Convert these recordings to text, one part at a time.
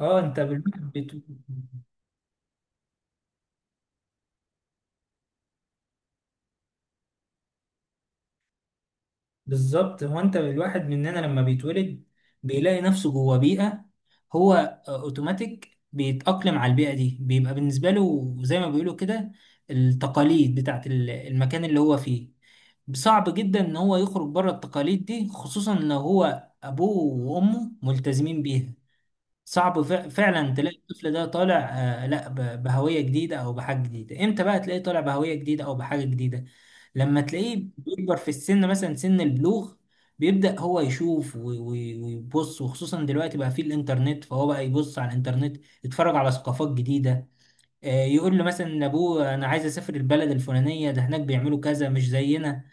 اه انت بالواحد بت... بالظبط هو انت الواحد مننا لما بيتولد بيلاقي نفسه جوه بيئة، هو اوتوماتيك بيتأقلم على البيئة دي، بيبقى بالنسبة له زي ما بيقولوا كده التقاليد بتاعت المكان اللي هو فيه. صعب جدا ان هو يخرج بره التقاليد دي خصوصا لو هو ابوه وامه ملتزمين بيها. صعب فعلا تلاقي الطفل ده طالع، لا بهوية جديدة او بحاجة جديدة. امتى بقى تلاقيه طالع بهوية جديدة او بحاجة جديدة؟ لما تلاقيه بيكبر في السن، مثلا سن البلوغ، بيبدأ هو يشوف ويبص وخصوصا دلوقتي بقى فيه الانترنت، فهو بقى يبص على الانترنت يتفرج على ثقافات جديدة. يقول له مثلا لابوه انا عايز اسافر البلد الفلانية، ده هناك بيعملوا كذا مش زينا،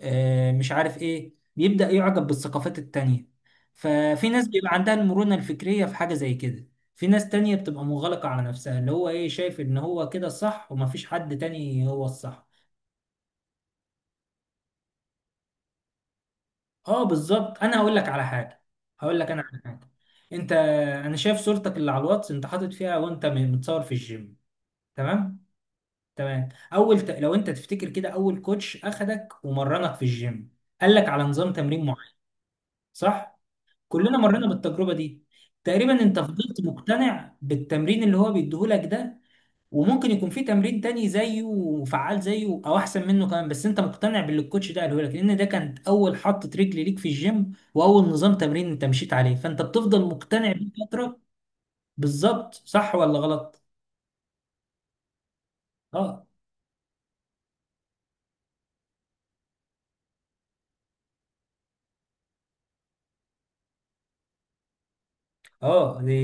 مش عارف ايه. بيبدأ يعجب بالثقافات التانية. ففي ناس بيبقى عندها المرونة الفكرية في حاجة زي كده، في ناس تانية بتبقى مغلقة على نفسها، اللي هو ايه، شايف ان هو كده الصح ومفيش حد تاني هو الصح. اه بالظبط. انا هقول لك على حاجة، هقول لك انا على حاجة. انت، انا شايف صورتك اللي على الواتس انت حاطط فيها وانت متصور في الجيم. تمام؟ تمام. لو انت تفتكر كده، اول كوتش اخدك ومرنك في الجيم قال لك على نظام تمرين معين، صح؟ كلنا مرينا بالتجربة دي. تقريبا انت فضلت مقتنع بالتمرين اللي هو بيديهولك ده. وممكن يكون في تمرين تاني زيه وفعال زيه او احسن منه كمان، بس انت مقتنع باللي الكوتش ده قاله لك، لان ده كانت اول حطة رجل ليك في الجيم واول نظام تمرين انت مشيت عليه، فانت بتفضل مقتنع بيه فترة. بالظبط، صح ولا غلط؟ اه. اه دي.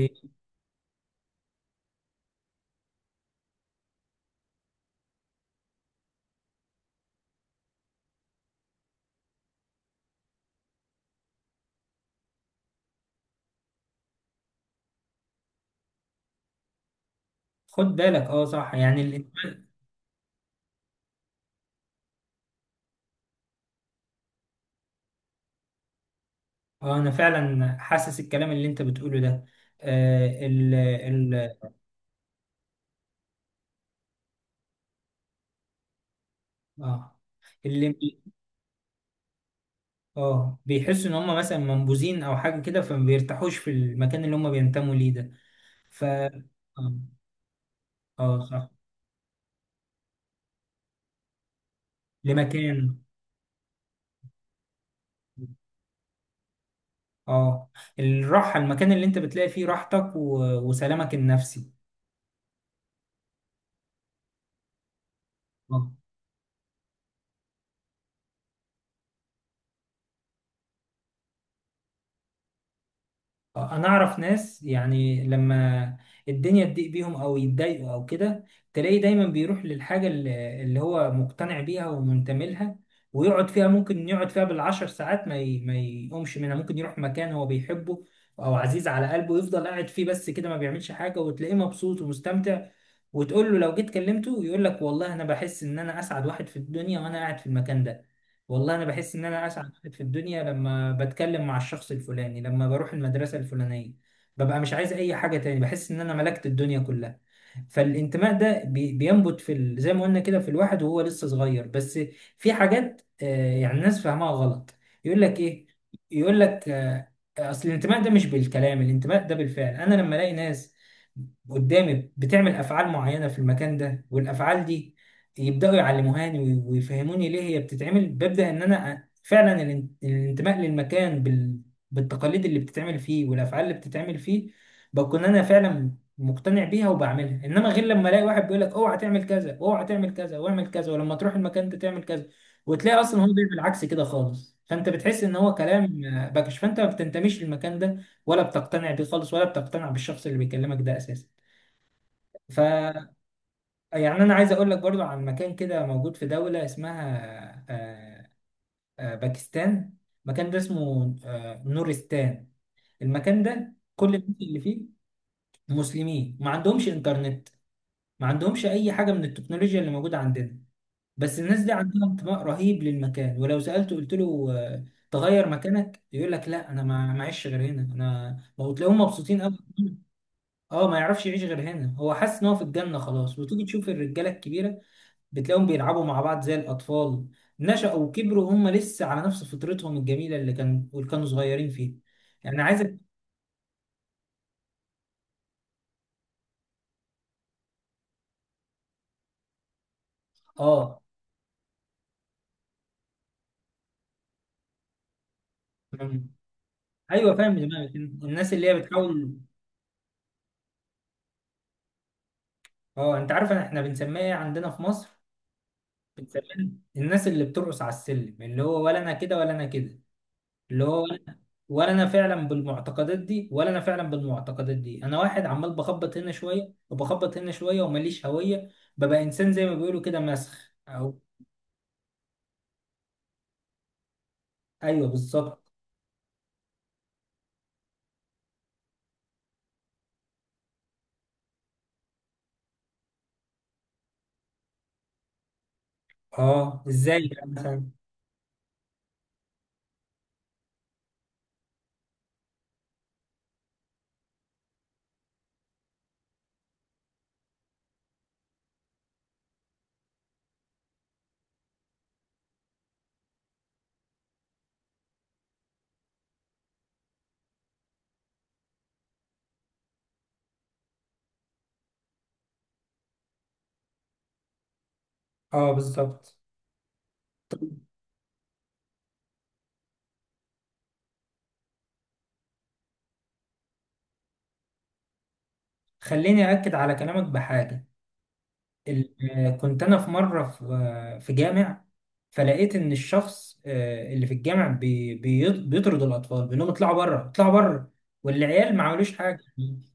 خد بالك. اه صح. اه انا فعلا حاسس الكلام اللي انت بتقوله ده، آه ال ال اه. اه بيحسوا ان هم مثلا منبوذين او حاجه كده، فما بيرتاحوش في المكان اللي هم بينتموا ليه ده. ف اه آه، صح. لمكان. اه، الراحه، المكان اللي انت بتلاقي فيه راحتك وسلامك النفسي. آه. انا اعرف ناس يعني لما الدنيا تضيق بيهم او يتضايقوا او كده، تلاقيه دايما بيروح للحاجه اللي هو مقتنع بيها ومنتمي لها، ويقعد فيها، ممكن يقعد فيها بالعشر ساعات ما يقومش منها. ممكن يروح مكان هو بيحبه او عزيز على قلبه يفضل قاعد فيه بس كده، ما بيعملش حاجه وتلاقيه مبسوط ومستمتع. وتقول له لو جيت كلمته يقول لك والله انا بحس ان انا اسعد واحد في الدنيا وانا قاعد في المكان ده، والله انا بحس ان انا اسعد واحد في الدنيا لما بتكلم مع الشخص الفلاني، لما بروح المدرسه الفلانيه ببقى مش عايز اي حاجه تاني، بحس ان انا ملكت الدنيا كلها. فالانتماء ده بينبت في زي ما قلنا كده في الواحد وهو لسه صغير. بس في حاجات، يعني الناس فاهمها غلط. يقول لك ايه، يقول لك اصل الانتماء ده مش بالكلام، الانتماء ده بالفعل. انا لما الاقي ناس قدامي بتعمل افعال معينه في المكان ده، والافعال دي يبداوا يعلموهاني ويفهموني ليه هي بتتعمل، ببدا ان انا فعلا الانتماء للمكان بالتقاليد اللي بتتعمل فيه والافعال اللي بتتعمل فيه، بكون انا فعلا مقتنع بيها وبعملها. انما غير لما الاقي واحد بيقول لك اوعى تعمل كذا، اوعى تعمل كذا، واعمل كذا، ولما تروح المكان ده تعمل كذا، وتلاقي اصلا هو بيعمل عكس كده خالص، فانت بتحس ان هو كلام، باكش، فانت ما بتنتميش للمكان ده ولا بتقتنع بيه خالص، ولا بتقتنع بالشخص اللي بيكلمك ده اساسا. يعني انا عايز اقول لك برضو عن مكان كده موجود في دولة اسمها باكستان. المكان ده اسمه نورستان. المكان ده كل الناس اللي فيه مسلمين، ما عندهمش انترنت، ما عندهمش اي حاجة من التكنولوجيا اللي موجودة عندنا. بس الناس دي عندها انتماء رهيب للمكان، ولو سألته قلت له تغير مكانك، يقول لك لا انا ما معيش غير هنا انا. وتلاقيهم مبسوطين قوي. اه ما يعرفش يعيش غير هنا، هو حاسس ان هو في الجنة خلاص. وتيجي تشوف الرجالة الكبيرة بتلاقيهم بيلعبوا مع بعض زي الأطفال، نشأوا وكبروا هم لسه على نفس فطرتهم الجميلة اللي كانوا صغيرين فيها. يعني عايزك. اه. مم. ايوه فاهم دماغك، الناس اللي هي بتحاول. اه، انت عارف احنا بنسميها ايه عندنا في مصر؟ بنسميها الناس اللي بترقص على السلم، اللي هو ولا انا كده ولا انا كده، اللي هو ولا انا ولا أنا فعلا بالمعتقدات دي ولا انا فعلا بالمعتقدات دي، انا واحد عمال بخبط هنا شويه وبخبط هنا شويه ومليش هويه، ببقى انسان زي ما بيقولوا كده مسخ او. ايوه بالظبط. اه ازاي يعني مثلا؟ اه بالظبط. خليني اكد على كلامك بحاجه. كنت انا في مره في في جامع، فلقيت ان الشخص اللي في الجامع بيطرد الاطفال، بيقول لهم اطلعوا بره اطلعوا بره، والعيال ما عملوش حاجه.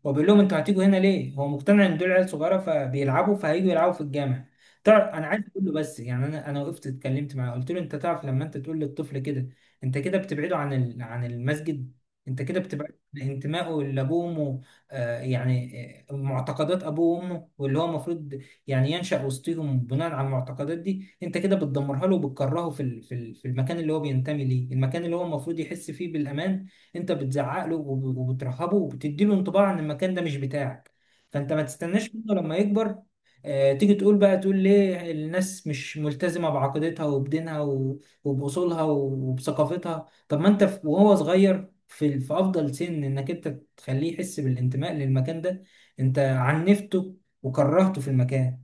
هو بيقول لهم انتوا هتيجوا هنا ليه؟ هو مقتنع ان دول عيال صغيره فبيلعبوا، فهيجوا يلعبوا في الجامع. تعرف انا عايز اقول له بس، يعني انا وقفت اتكلمت معاه قلت له انت تعرف لما انت تقول للطفل كده انت كده بتبعده عن عن المسجد، انت كده بتبعد عن انتمائه لابوه وامه، يعني معتقدات ابوه وامه واللي هو المفروض يعني ينشأ وسطهم بناء على المعتقدات دي، انت كده بتدمرها له وبتكرهه في في المكان اللي هو بينتمي ليه، المكان اللي هو المفروض يحس فيه بالأمان. انت بتزعق له وبترهبه وبتدي له انطباع ان المكان ده مش بتاعك، فانت ما تستناش منه لما يكبر. تيجي تقول بقى، تقول ليه الناس مش ملتزمة بعقيدتها وبدينها وبأصولها وبثقافتها؟ طب ما انت وهو صغير في افضل سن انك انت تخليه يحس بالانتماء للمكان ده، انت عنفته وكرهته في المكان.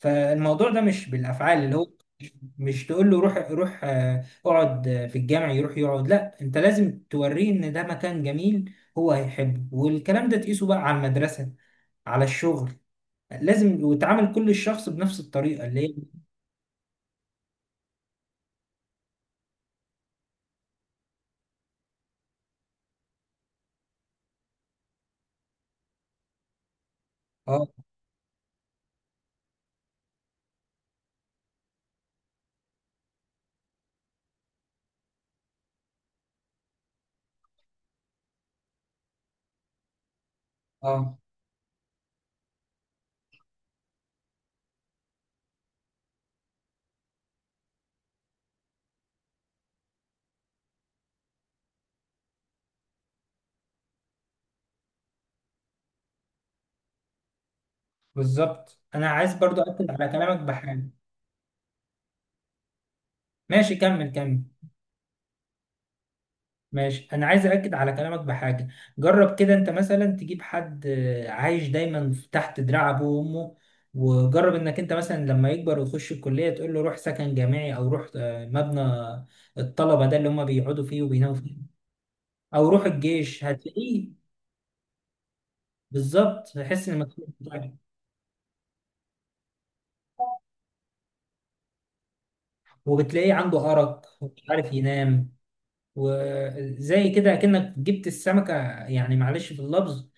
فالموضوع ده مش بالافعال اللي هو. مش تقول له روح، اقعد في الجامع يروح يقعد. لا، انت لازم توريه ان ده مكان جميل، هو هيحبه. والكلام ده تقيسه بقى على المدرسة، على الشغل. لازم وتعامل كل الشخص بنفس الطريقة اللي هي. اه. اه بالظبط. انا عايز برضو اكد على كلامك بحاجة. ماشي كمل كمل. ماشي، انا عايز اكد على كلامك بحاجه. جرب كده انت مثلا تجيب حد عايش دايما تحت دراع ابوه وامه، وجرب انك انت مثلا لما يكبر ويخش الكليه تقول له روح سكن جامعي، او روح مبنى الطلبه ده اللي هم بيقعدوا فيه وبيناموا فيه، او روح الجيش. هتلاقيه. بالظبط هيحس ان مسؤول بتاعه. وبتلاقيه عنده ارق ومش عارف ينام. وزي كده اكنك جبت السمكه، يعني معلش في اللفظ،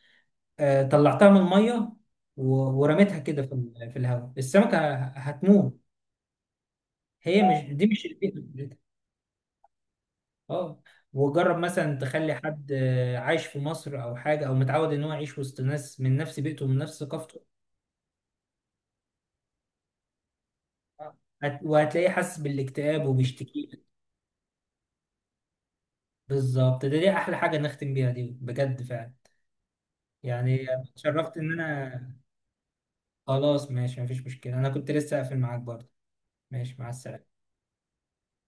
طلعتها من الميه ورميتها كده في في الهواء، السمكه هتموت، هي مش، دي مش البيئه بتاعتها. اه، وجرب مثلا تخلي حد عايش في مصر او حاجه، او متعود ان هو يعيش وسط ناس من نفس بيئته ومن نفس ثقافته. وهتلاقيه حاسس بالاكتئاب وبيشتكي لك. بالظبط. ده دي احلى حاجه نختم بيها، دي بجد فعلا. يعني اتشرفت ان انا. خلاص ماشي، مفيش مشكله، انا كنت لسه قافل معاك برضه. ماشي، مع السلامه.